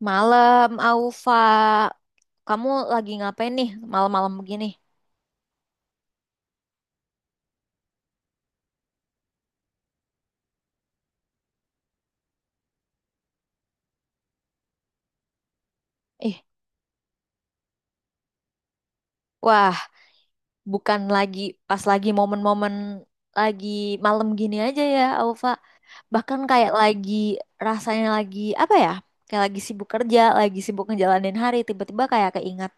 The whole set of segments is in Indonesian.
Malam, Aufa. Kamu lagi ngapain nih malam-malam begini? Ih, wah, bukan lagi pas lagi momen-momen lagi malam gini aja ya, Aufa. Bahkan kayak lagi rasanya lagi apa ya? Kayak lagi sibuk kerja, lagi sibuk ngejalanin hari, tiba-tiba kayak keingat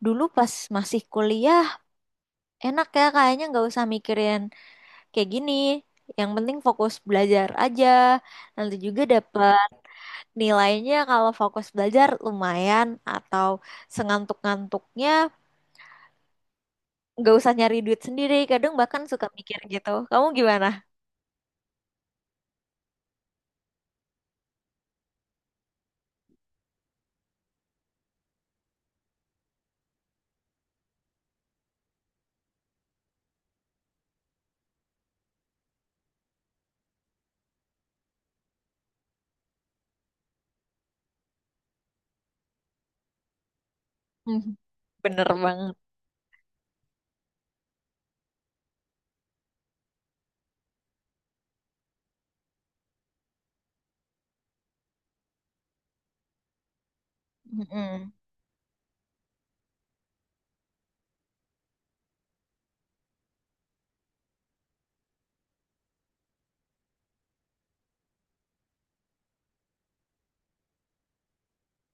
dulu pas masih kuliah, enak ya kayaknya nggak usah mikirin kayak gini. Yang penting fokus belajar aja. Nanti juga dapat nilainya kalau fokus belajar lumayan, atau sengantuk-ngantuknya nggak usah nyari duit sendiri. Kadang bahkan suka mikir gitu. Kamu gimana? Mhm. Bener banget. Mm-mm.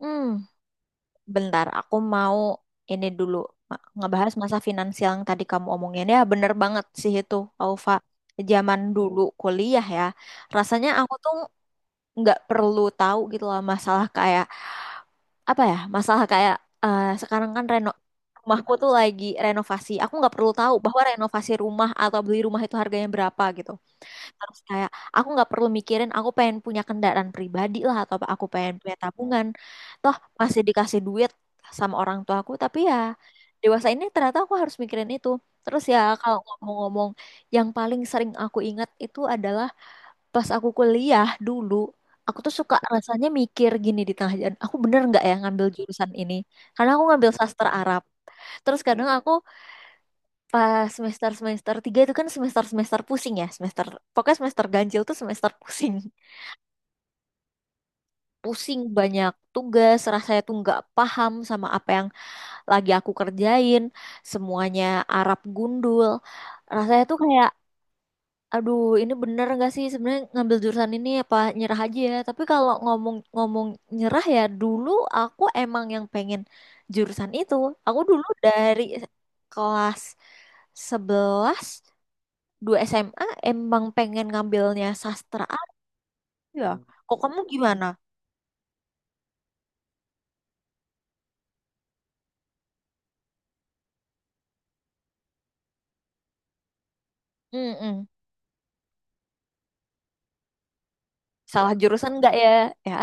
Hmm, bentar, aku mau ini dulu ngebahas masa finansial yang tadi kamu omongin ya. Bener banget sih itu, Alfa. Zaman dulu kuliah ya, rasanya aku tuh nggak perlu tahu gitu lah masalah kayak apa ya, masalah kayak eh, sekarang kan rumahku tuh lagi renovasi. Aku nggak perlu tahu bahwa renovasi rumah atau beli rumah itu harganya berapa gitu. Terus kayak aku nggak perlu mikirin, aku pengen punya kendaraan pribadi lah atau apa, aku pengen punya tabungan. Toh masih dikasih duit sama orang tua aku, tapi ya dewasa ini ternyata aku harus mikirin itu. Terus ya kalau ngomong-ngomong, yang paling sering aku ingat itu adalah pas aku kuliah dulu, aku tuh suka rasanya mikir gini di tengah jalan, aku bener nggak ya ngambil jurusan ini? Karena aku ngambil sastra Arab. Terus kadang aku pas semester-semester tiga itu kan semester-semester pusing ya, semester, pokoknya semester ganjil tuh semester pusing. Pusing banyak tugas, rasanya tuh nggak paham sama apa yang lagi aku kerjain, semuanya Arab gundul. Rasanya tuh kayak, aduh, ini bener nggak sih sebenarnya ngambil jurusan ini apa nyerah aja ya? Tapi kalau ngomong-ngomong nyerah ya, dulu aku emang yang pengen jurusan itu. Aku dulu dari kelas 11, 2 SMA emang pengen ngambilnya sastra aja. Hmm. Kok kamu gimana? Mm-mm. Salah jurusan nggak ya? Ya,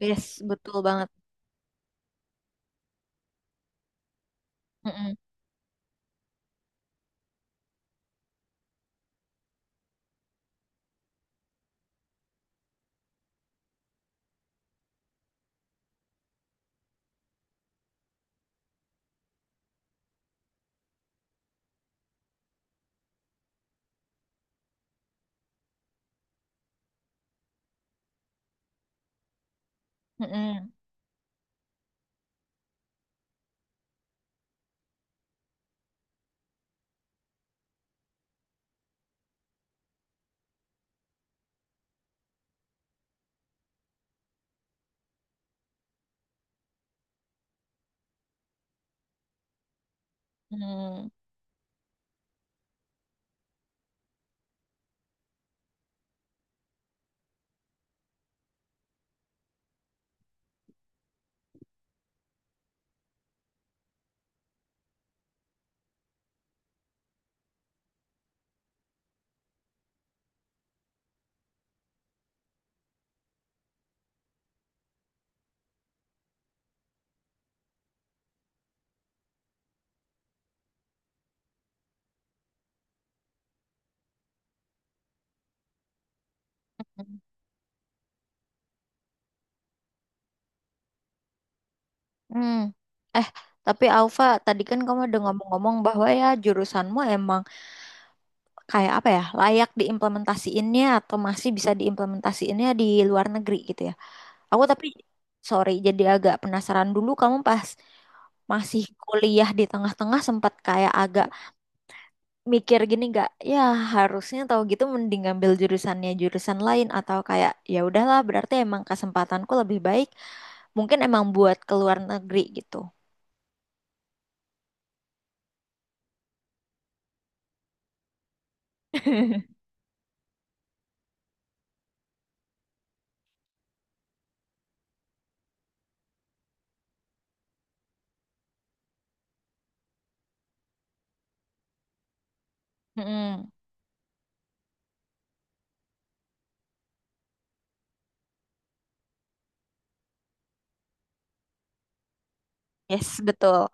yes, betul banget. Mm-mm. Mm-mm. Mm. Hmm. Eh, tapi Alfa, tadi kan kamu udah ngomong-ngomong bahwa ya jurusanmu emang kayak apa ya, layak diimplementasiinnya atau masih bisa diimplementasiinnya di luar negeri gitu ya. Aku tapi, sorry, jadi agak penasaran, dulu kamu pas masih kuliah di tengah-tengah sempat kayak agak mikir gini gak, ya harusnya tahu gitu mending ngambil jurusannya jurusan lain, atau kayak ya udahlah berarti emang kesempatanku lebih baik, mungkin emang buat ke luar negeri gitu. Mm-mm. Yes, betul.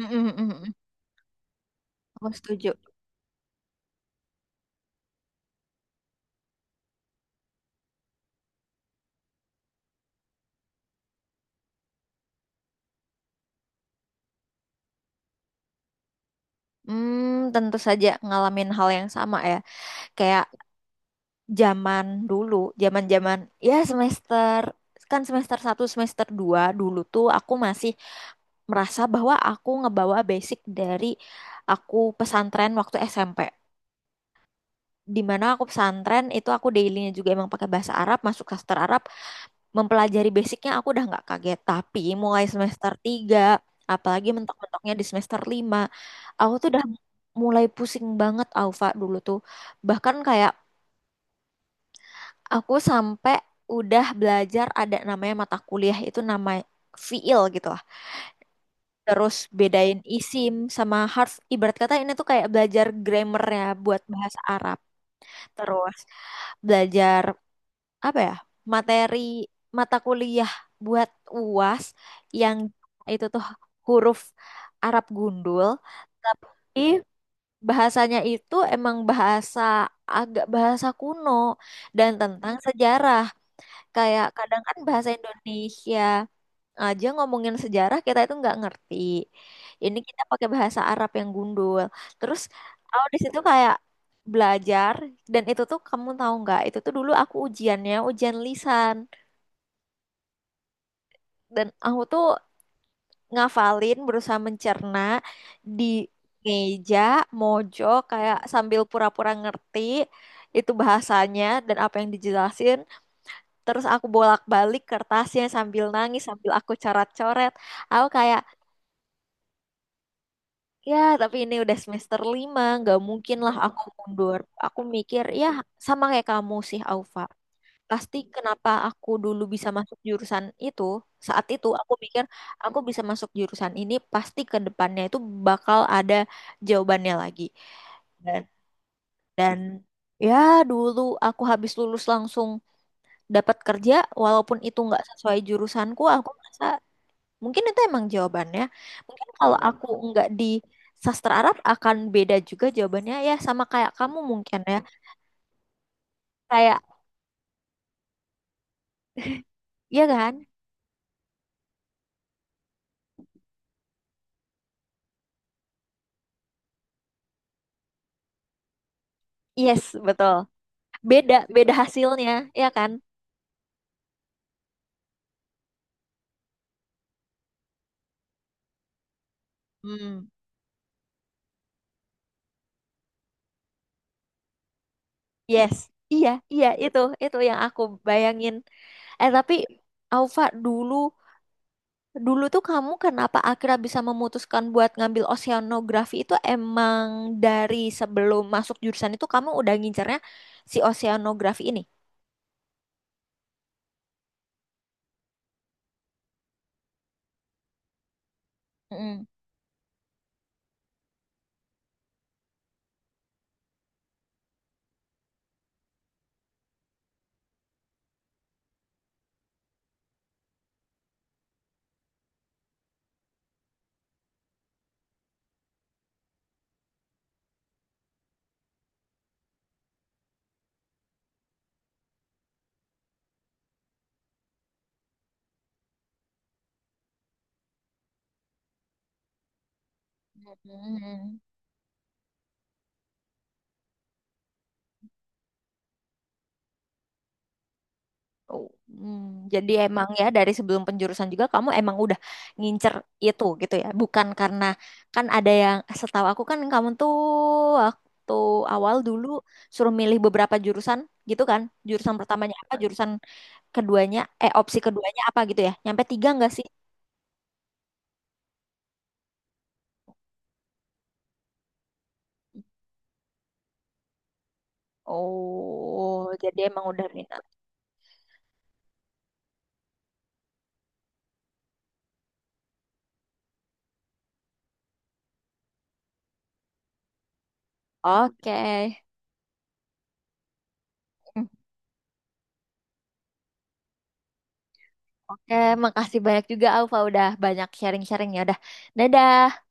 Mm-mm, mm-mm, mm. Aku setuju. Hmm, tentu saja ngalamin hal yang sama ya. Kayak zaman dulu, zaman-zaman ya semester, kan semester 1 semester 2 dulu tuh aku masih merasa bahwa aku ngebawa basic dari aku pesantren waktu SMP. Di mana aku pesantren itu aku dailynya juga emang pakai bahasa Arab, masuk sastra Arab, mempelajari basicnya aku udah nggak kaget. Tapi mulai semester 3 apalagi mentok-mentoknya di semester 5, aku tuh udah mulai pusing banget Alfa dulu tuh. Bahkan kayak aku sampai udah belajar, ada namanya mata kuliah itu nama fiil gitu lah. Terus bedain isim sama harf. Ibarat kata ini tuh kayak belajar grammarnya buat bahasa Arab. Terus belajar apa ya materi mata kuliah buat UAS yang itu tuh huruf Arab gundul, tapi bahasanya itu emang bahasa, agak bahasa kuno, dan tentang sejarah. Kayak kadang kan bahasa Indonesia aja ngomongin sejarah kita itu nggak ngerti. Ini kita pakai bahasa Arab yang gundul. Terus aku di situ kayak belajar, dan itu tuh kamu tahu nggak? Itu tuh dulu aku ujiannya ujian lisan, dan aku tuh ngafalin, berusaha mencerna di meja mojok kayak sambil pura-pura ngerti itu bahasanya dan apa yang dijelasin, terus aku bolak-balik kertasnya sambil nangis, sambil aku coret-coret, aku kayak, ya, tapi ini udah semester 5, nggak mungkin lah aku mundur. Aku mikir, ya sama kayak kamu sih, Aufa. Pasti kenapa aku dulu bisa masuk jurusan itu, saat itu aku mikir aku bisa masuk jurusan ini, pasti ke depannya itu bakal ada jawabannya lagi. Dan, dan ya dulu aku habis lulus langsung dapat kerja, walaupun itu nggak sesuai jurusanku, aku merasa mungkin itu emang jawabannya. Mungkin kalau aku nggak di sastra Arab akan beda juga jawabannya, ya sama kayak kamu mungkin ya. Kayak, ya kan? Yes, betul. Beda beda hasilnya, ya kan? Hmm. Yes. Iya, iya itu yang aku bayangin. Eh tapi Aufa, dulu dulu tuh kamu kenapa akhirnya bisa memutuskan buat ngambil oceanografi? Itu emang dari sebelum masuk jurusan itu kamu udah ngincernya si oceanografi ini? Mm. Hmm. Oh, hmm. Jadi emang ya dari sebelum penjurusan juga kamu emang udah ngincer itu gitu ya. Bukan karena, kan ada yang setahu aku kan kamu tuh waktu awal dulu suruh milih beberapa jurusan gitu kan. Jurusan pertamanya apa, jurusan keduanya, eh opsi keduanya apa gitu ya. Nyampe tiga nggak sih? Oh, jadi emang udah minat. Oke. Hmm, oke, makasih banyak juga Alfa udah banyak sharing-sharingnya. Udah, dadah.